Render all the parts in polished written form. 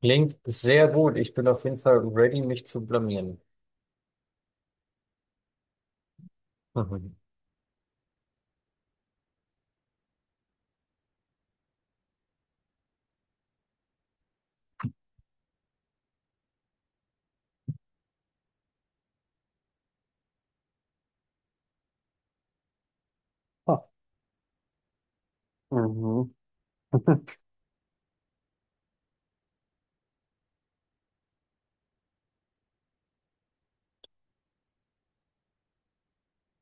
Klingt sehr gut. Ich bin auf jeden Fall ready, mich zu blamieren. Mhm. Ah. Mhm.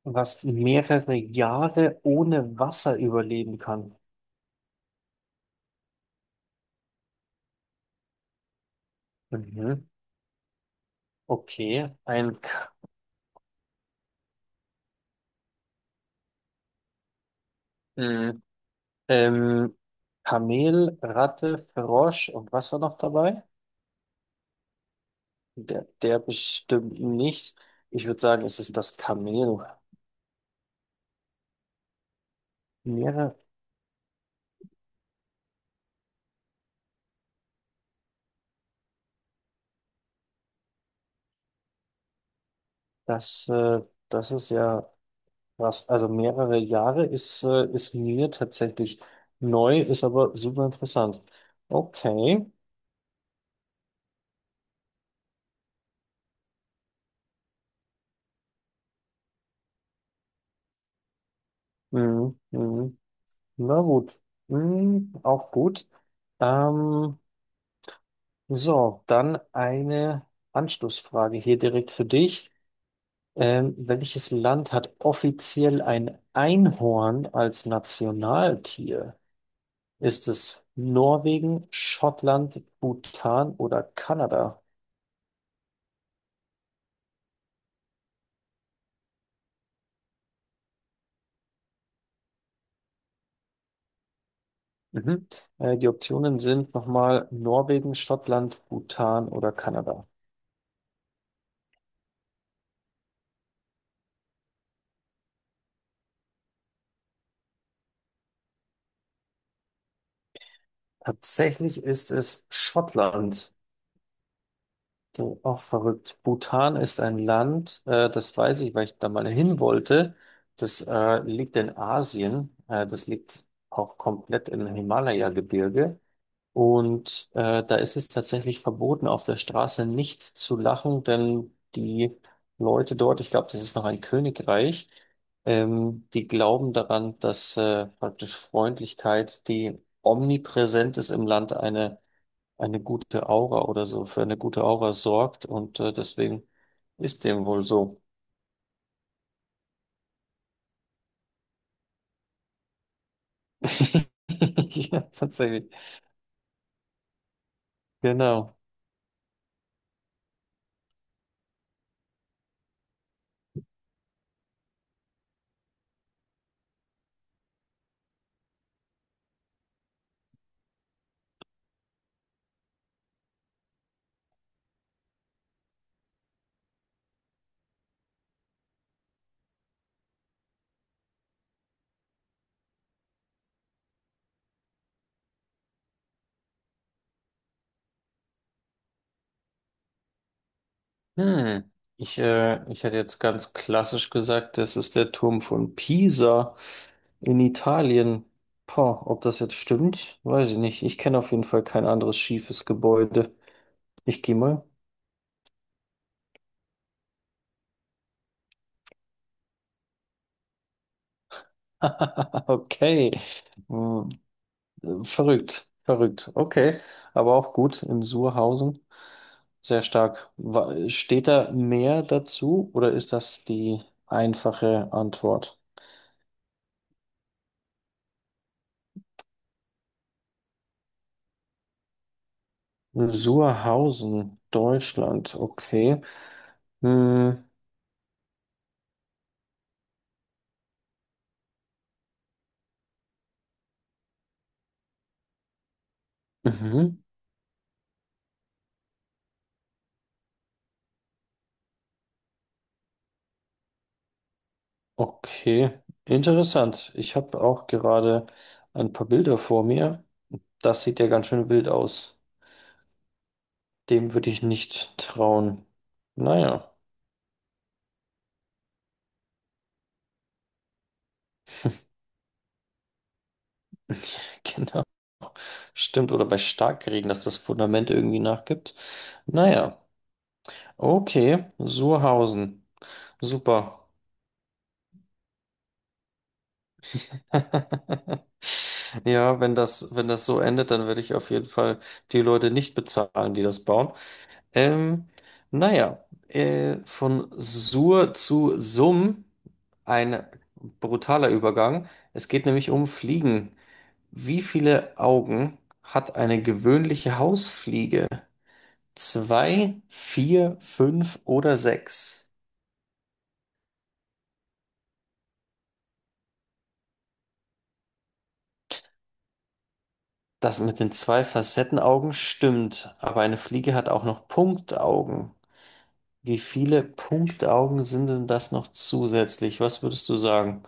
Was mehrere Jahre ohne Wasser überleben kann. Mhm. Okay, ein K, mh, ähm, Kamel, Ratte, Frosch und was war noch dabei? Der, der bestimmt nicht. Ich würde sagen, es ist das Kamel. Mehrere, das, äh, das ist ja krass. Also mehrere Jahre ist, ist mir tatsächlich neu, ist aber super interessant. Okay. Mhm. Mhm. Na gut. Mhm. Auch gut. Ähm, so, dann eine Anschlussfrage hier direkt für dich. Welches Land hat offiziell ein Einhorn als Nationaltier? Ist es Norwegen, Schottland, Bhutan oder Kanada? Mhm. Die Optionen sind nochmal Norwegen, Schottland, Bhutan oder Kanada. Tatsächlich ist es Schottland. Das ist auch verrückt. Bhutan ist ein Land, das weiß ich, weil ich da mal hin wollte. Das liegt in Asien. Das liegt auch komplett im Himalaya-Gebirge. Und da ist es tatsächlich verboten, auf der Straße nicht zu lachen, denn die Leute dort, ich glaube, das ist noch ein Königreich, die glauben daran, dass praktisch Freundlichkeit, die omnipräsent ist im Land, eine gute Aura oder so, für eine gute Aura sorgt. Und deswegen ist dem wohl so. Ja, tatsächlich. Genau. Hm. Ich hätte jetzt ganz klassisch gesagt, das ist der Turm von Pisa in Italien. Boah, ob das jetzt stimmt, weiß ich nicht. Ich kenne auf jeden Fall kein anderes schiefes Gebäude. Ich gehe mal. Okay. Hm. Verrückt, verrückt. Okay, aber auch gut in Surhausen. Sehr stark. Wa- steht da mehr dazu oder ist das die einfache Antwort? Suhrhausen, Deutschland, okay. Hm. Mhm. Okay, interessant. Ich habe auch gerade ein paar Bilder vor mir. Das sieht ja ganz schön wild aus. Dem würde ich nicht trauen. Naja. Genau. Stimmt, oder bei Starkregen, dass das Fundament irgendwie nachgibt. Naja, okay, Suhrhausen. Super. Ja, wenn das so endet, dann werde ich auf jeden Fall die Leute nicht bezahlen, die das bauen. Ähm, naja, von Sur zu Sum ein brutaler Übergang. Es geht nämlich um Fliegen. Wie viele Augen hat eine gewöhnliche Hausfliege? Zwei, vier, fünf oder sechs? Das mit den zwei Facettenaugen stimmt, aber eine Fliege hat auch noch Punktaugen. Wie viele Punktaugen sind denn das noch zusätzlich? Was würdest du sagen?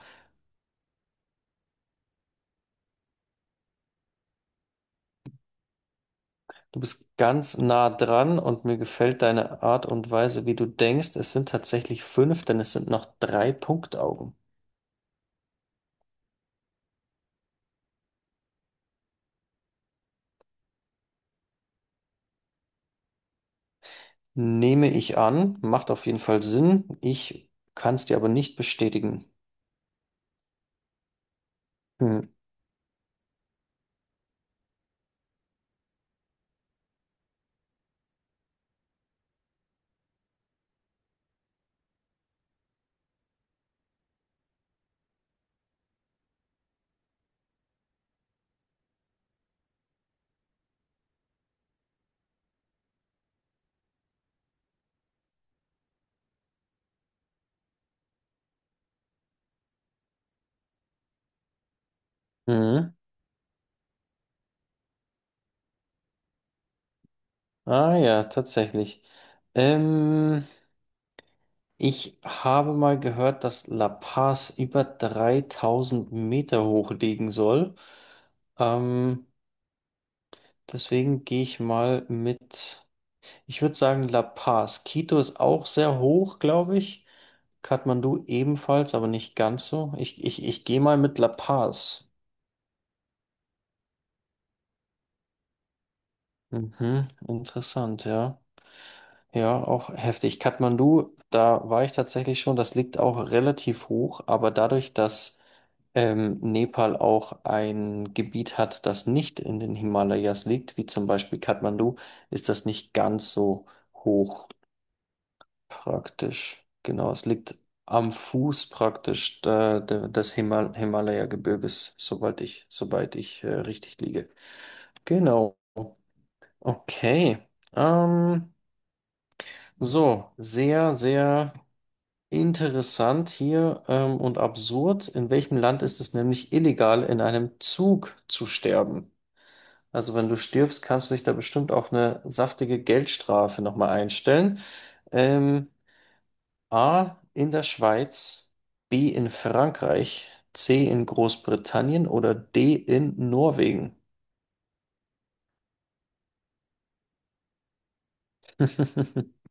Du bist ganz nah dran und mir gefällt deine Art und Weise, wie du denkst. Es sind tatsächlich fünf, denn es sind noch drei Punktaugen. Nehme ich an, macht auf jeden Fall Sinn. Ich kann es dir aber nicht bestätigen. Hm. Mhm. Ah ja, tatsächlich. Ähm, ich habe mal gehört, dass La Paz über 3000 Meter hoch liegen soll. Ähm, Deswegen gehe ich mal mit, ich würde sagen La Paz. Quito ist auch sehr hoch, glaube ich. Kathmandu ebenfalls, aber nicht ganz so. Ich gehe mal mit La Paz. Mhm, interessant, ja. Ja, auch heftig. Kathmandu, da war ich tatsächlich schon, das liegt auch relativ hoch, aber dadurch, dass Nepal auch ein Gebiet hat, das nicht in den Himalayas liegt, wie zum Beispiel Kathmandu, ist das nicht ganz so hoch. Praktisch, genau. Es liegt am Fuß praktisch des Himalaya-Gebirges, sobald ich richtig liege. Genau. Okay. Ähm, so, sehr interessant hier und absurd. In welchem Land ist es nämlich illegal, in einem Zug zu sterben? Also wenn du stirbst, kannst du dich da bestimmt auf eine saftige Geldstrafe nochmal einstellen. Ähm, A in der Schweiz, B in Frankreich, C in Großbritannien oder D in Norwegen?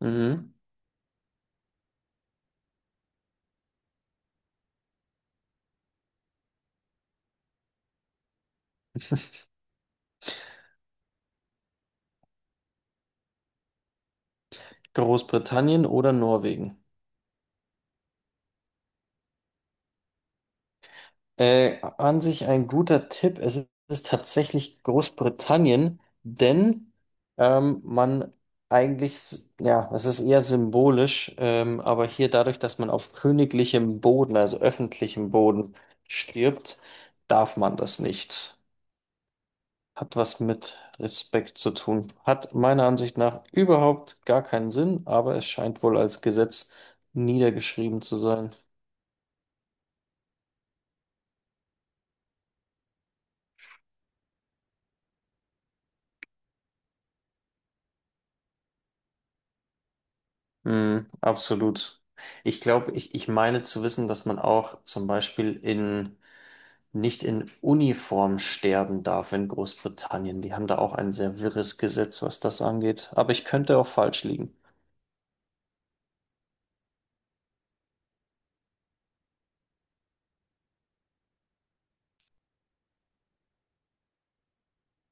Mhm. Großbritannien oder Norwegen? An sich ein guter Tipp. Es ist tatsächlich Großbritannien, denn man eigentlich, s- ja, es ist eher symbolisch, aber hier dadurch, dass man auf königlichem Boden, also öffentlichem Boden stirbt, darf man das nicht. Hat was mit Respekt zu tun. Hat meiner Ansicht nach überhaupt gar keinen Sinn, aber es scheint wohl als Gesetz niedergeschrieben zu sein. Mm, absolut. Ich glaube, ich meine zu wissen, dass man auch zum Beispiel nicht in Uniform sterben darf in Großbritannien. Die haben da auch ein sehr wirres Gesetz, was das angeht. Aber ich könnte auch falsch liegen.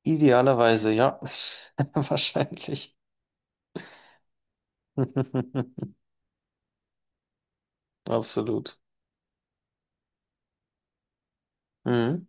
Idealerweise, ja. Wahrscheinlich. Absolut. Mhm.